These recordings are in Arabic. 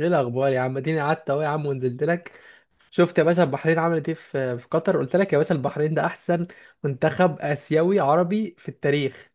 ايه الاخبار يا عم، اديني قعدت اهو يا عم ونزلت لك. شفت يا باشا البحرين عملت ايه في قطر؟ قلت لك يا باشا البحرين ده احسن منتخب اسيوي عربي في التاريخ.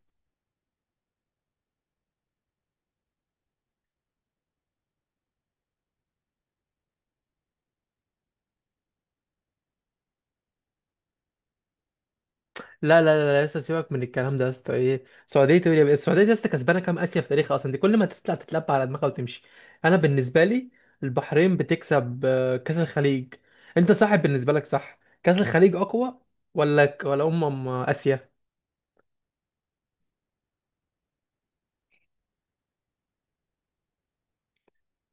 لا، يا اسطى سيبك من الكلام ده يا اسطى، ايه السعوديه تقول السعوديه دي يا اسطى كسبانه كام اسيا في تاريخها اصلا؟ دي كل ما تطلع تتلبى على دماغها وتمشي. انا بالنسبه لي البحرين بتكسب كاس الخليج. انت صاحب بالنسبه لك، صح كاس الخليج اقوى ولا ولا اسيا؟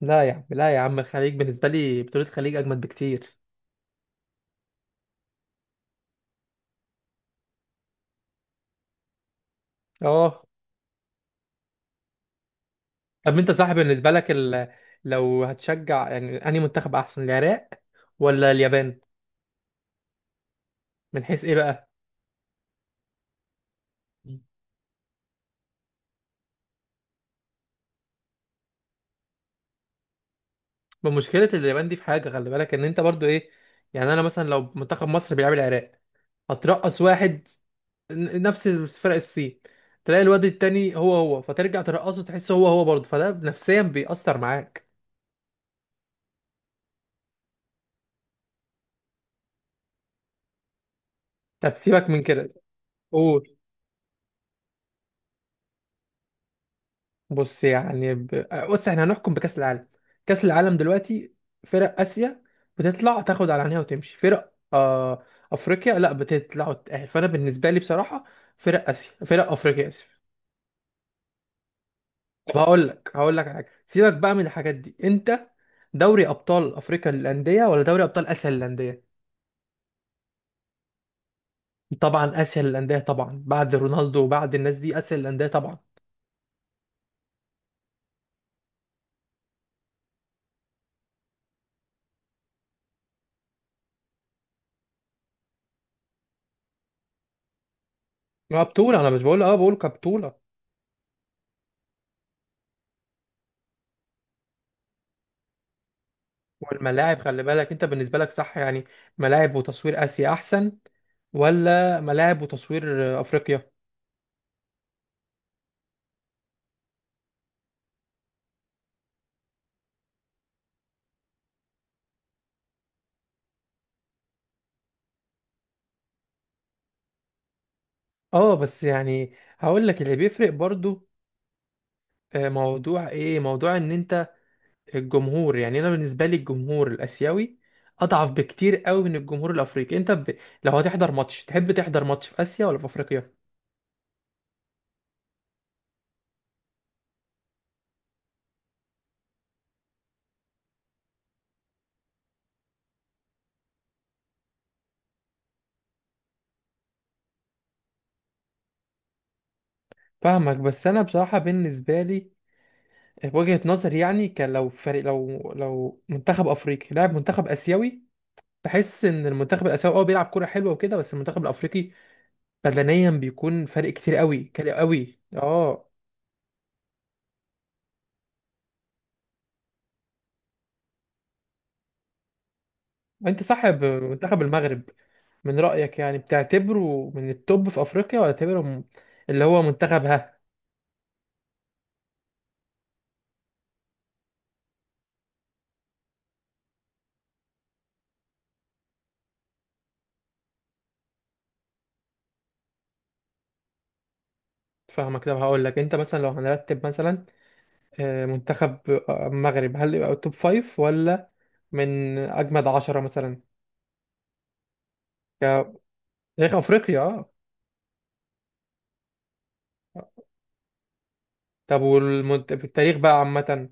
لا يا عم لا يا عم، الخليج بالنسبه لي بطوله الخليج اجمد بكتير. اه. طب انت صاحب بالنسبه لك لو هتشجع يعني انهي منتخب احسن، العراق ولا اليابان؟ من حيث ايه بقى؟ بمشكله اليابان دي في حاجه، خلي بالك ان انت برضو ايه، يعني انا مثلا لو منتخب مصر بيلعب العراق هترقص واحد. نفس فرق الصين تلاقي الواد التاني هو هو، فترجع ترقصه تحس هو هو برضه، فده نفسيا بيأثر معاك. طب سيبك من كده، قول. بص احنا هنحكم بكأس العالم. كأس العالم دلوقتي، فرق آسيا بتطلع تاخد على عينيها وتمشي، فرق أفريقيا لا بتطلع وتتأهل. فأنا بالنسبة لي بصراحة فرق آسيا، فرق أفريقيا، آسف. طب هقول لك على حاجة، سيبك بقى من الحاجات دي. أنت دوري أبطال أفريقيا للأندية ولا دوري أبطال آسيا للأندية؟ طبعا آسيا للأندية، طبعا بعد رونالدو وبعد الناس دي آسيا للأندية طبعا. ما بطولة، أنا مش بقول اه، بقول كبطولة. والملاعب خلي بالك، انت بالنسبه لك صح يعني ملاعب وتصوير اسيا احسن ولا ملاعب وتصوير افريقيا؟ اه بس يعني هقول لك اللي بيفرق برضو موضوع ايه، موضوع ان انت الجمهور، يعني انا بالنسبه لي الجمهور الاسيوي اضعف بكتير قوي من الجمهور الافريقي. لو هتحضر ماتش تحب تحضر ماتش في اسيا ولا في افريقيا؟ فاهمك، بس انا بصراحه بالنسبه لي وجهه نظري يعني، كان لو فريق، لو منتخب افريقي لاعب منتخب اسيوي بحس ان المنتخب الاسيوي اه بيلعب كوره حلوه وكده، بس المنتخب الافريقي بدنيا بيكون فرق كتير قوي، كتير قوي اه. انت صاحب منتخب المغرب من رايك يعني بتعتبره من التوب في افريقيا ولا تعتبره اللي هو منتخب، ها؟ فاهمك. طب هقول لك، انت مثلا لو هنرتب مثلا منتخب المغرب، هل يبقى توب فايف ولا من اجمد عشرة مثلا، ك- تاريخ افريقيا اه؟ طب في التاريخ بقى عامه.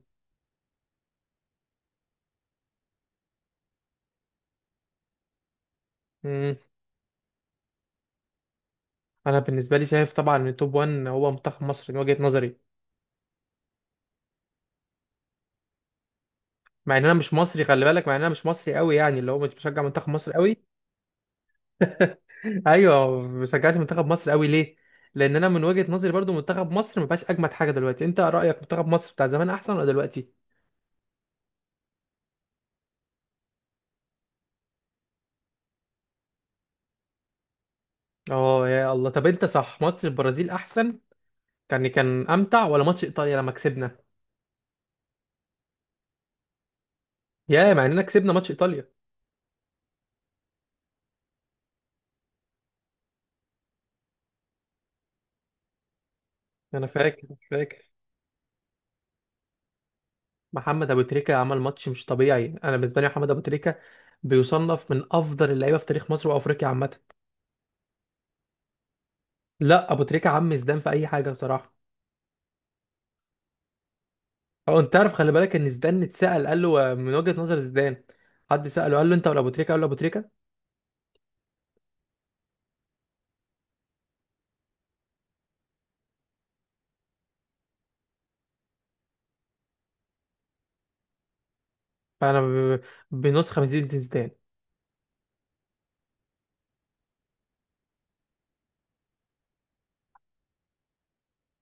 انا بالنسبه لي شايف طبعا ان توب 1 هو منتخب مصر من وجهه نظري. مع ان انا مش مصري، خلي بالك، مع ان انا مش مصري قوي يعني، اللي هو مش بشجع منتخب مصر قوي. ايوه، ما بشجعش منتخب مصر قوي. ليه؟ لان انا من وجهه نظري برضو منتخب مصر ما بقاش اجمد حاجه دلوقتي. انت رايك منتخب مصر بتاع زمان احسن ولا دلوقتي؟ اه يا الله. طب انت صح، ماتش البرازيل احسن، كان كان امتع، ولا ماتش ايطاليا لما كسبنا؟ يا مع اننا كسبنا ماتش ايطاليا. انا فاكر محمد ابو تريكه عمل ماتش مش طبيعي. انا بالنسبه لي محمد ابو تريكه بيصنف من افضل اللعيبه في تاريخ مصر وافريقيا عامه. لا، ابو تريكه عم زيدان في اي حاجه بصراحه. او انت تعرف، خلي بالك ان زيدان اتسال، قال له من وجهه نظر زيدان، حد ساله قال له انت ولا ابو تريكه؟ قال له ابو تريكه. فانا ب- بنسخه من زين زيدان.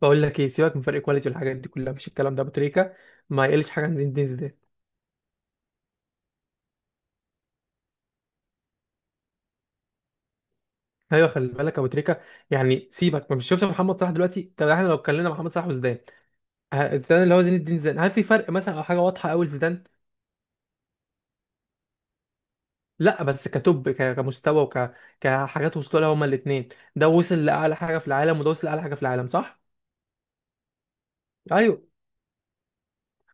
بقول لك ايه، سيبك من فرق كواليتي والحاجات دي كلها، مفيش الكلام ده، ابو تريكه ما يقلش حاجه عن زين زيدان. ايوه، خلي بالك ابو تريكه يعني، سيبك، ما مش شفت محمد صلاح دلوقتي؟ طب احنا لو اتكلمنا محمد صلاح وزيدان، زيدان اللي هو زين الدين زيدان، هل في فرق مثلا او حاجه واضحه قوي لزيدان؟ لا بس كمستوى كحاجات وصلوا لها هما الاثنين، ده وصل لاعلى حاجه في العالم وده وصل لاعلى حاجه في العالم، صح؟ ايوه.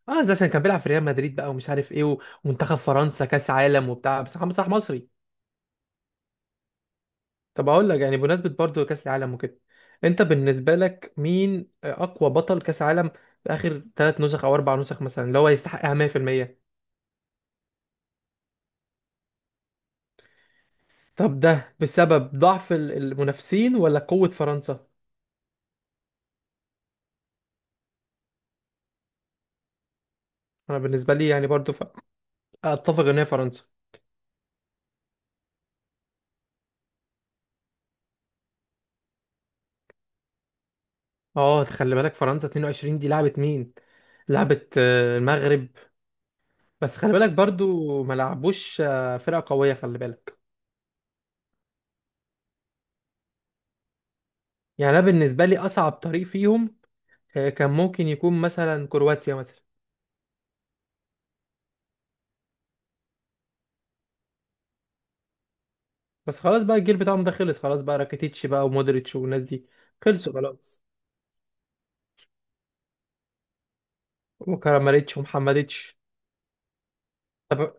اه، ده عشان كان بيلعب في ريال مدريد بقى ومش عارف ايه ومنتخب فرنسا كاس عالم وبتاع، بس محمد صلاح مصري. طب اقول لك يعني، بمناسبه برضو كاس العالم وكده، انت بالنسبه لك مين اقوى بطل كاس عالم في اخر ثلاث نسخ او اربع نسخ مثلا، اللي هو يستحقها 100%؟ طب ده بسبب ضعف المنافسين ولا قوه فرنسا؟ انا بالنسبه لي يعني برضو اتفق ان هي فرنسا. اه، خلي بالك فرنسا 22 دي لعبت مين؟ لعبت المغرب، بس خلي بالك برضو ما لعبوش فرقه قويه خلي بالك. يعني انا بالنسبه لي اصعب طريق فيهم كان ممكن يكون مثلا كرواتيا مثلا. بس خلاص بقى الجيل بتاعهم ده خلص خلاص بقى، راكيتيتش بقى ومودريتش والناس دي، خلصوا خلاص، وكراماريتش ومحمديتش. طب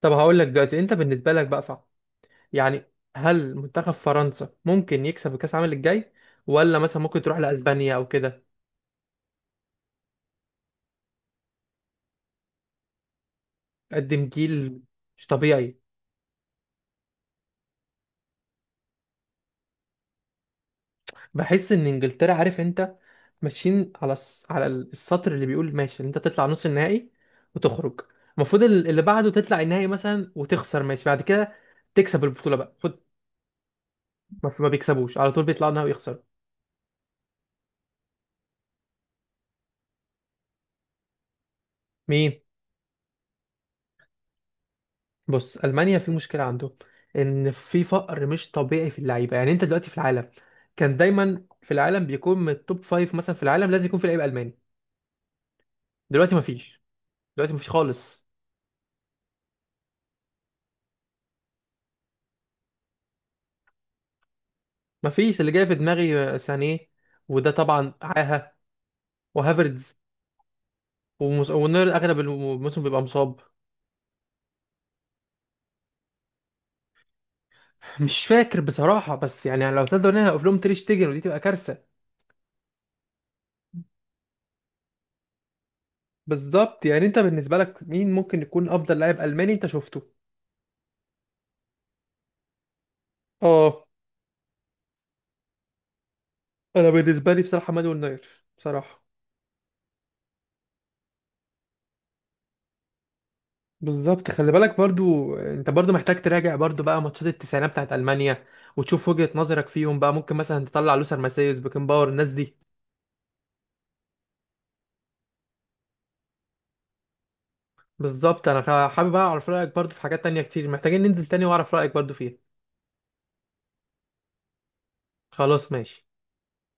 طب هقول لك دلوقتي، انت بالنسبه لك بقى صعب يعني، هل منتخب فرنسا ممكن يكسب كأس العالم الجاي، ولا مثلا ممكن تروح لأسبانيا أو كده؟ قدم جيل مش طبيعي. بحس إن إنجلترا عارف أنت ماشيين على على السطر اللي بيقول ماشي إن أنت تطلع نص النهائي وتخرج، المفروض اللي بعده تطلع النهائي مثلا وتخسر ماشي، بعد كده تكسب البطولة بقى، خد. ما بيكسبوش على طول، بيطلعوا النهائي ويخسروا. مين؟ بص المانيا في مشكله عندهم، ان في فقر مش طبيعي في اللعيبه. يعني انت دلوقتي في العالم، كان دايما في العالم بيكون من التوب فايف، مثلا في العالم لازم يكون في لعيب الماني. دلوقتي مفيش، دلوقتي مفيش خالص. مفيش، اللي جاي في دماغي سانيه، وده طبعا عاهه، وهافرتز، ونير اغلب الموسم بيبقى مصاب. مش فاكر بصراحه، بس يعني لو تقدر هنا اقف لهم تير شتيجن ودي تبقى كارثه. بالظبط. يعني انت بالنسبه لك مين ممكن يكون افضل لاعب الماني انت شفته؟ اه. انا بالنسبه لي بصراحه مانويل نوير بصراحه. بالظبط، خلي بالك برضو، انت برضو محتاج تراجع برضو بقى ماتشات التسعينات بتاعت المانيا وتشوف وجهة نظرك فيهم بقى، ممكن مثلا تطلع لوسر ماسيوس بيكنباور، الناس دي. بالظبط. انا حابب اعرف رايك برضو في حاجات تانية كتير، محتاجين ننزل تاني واعرف رايك برضو فيها. خلاص ماشي.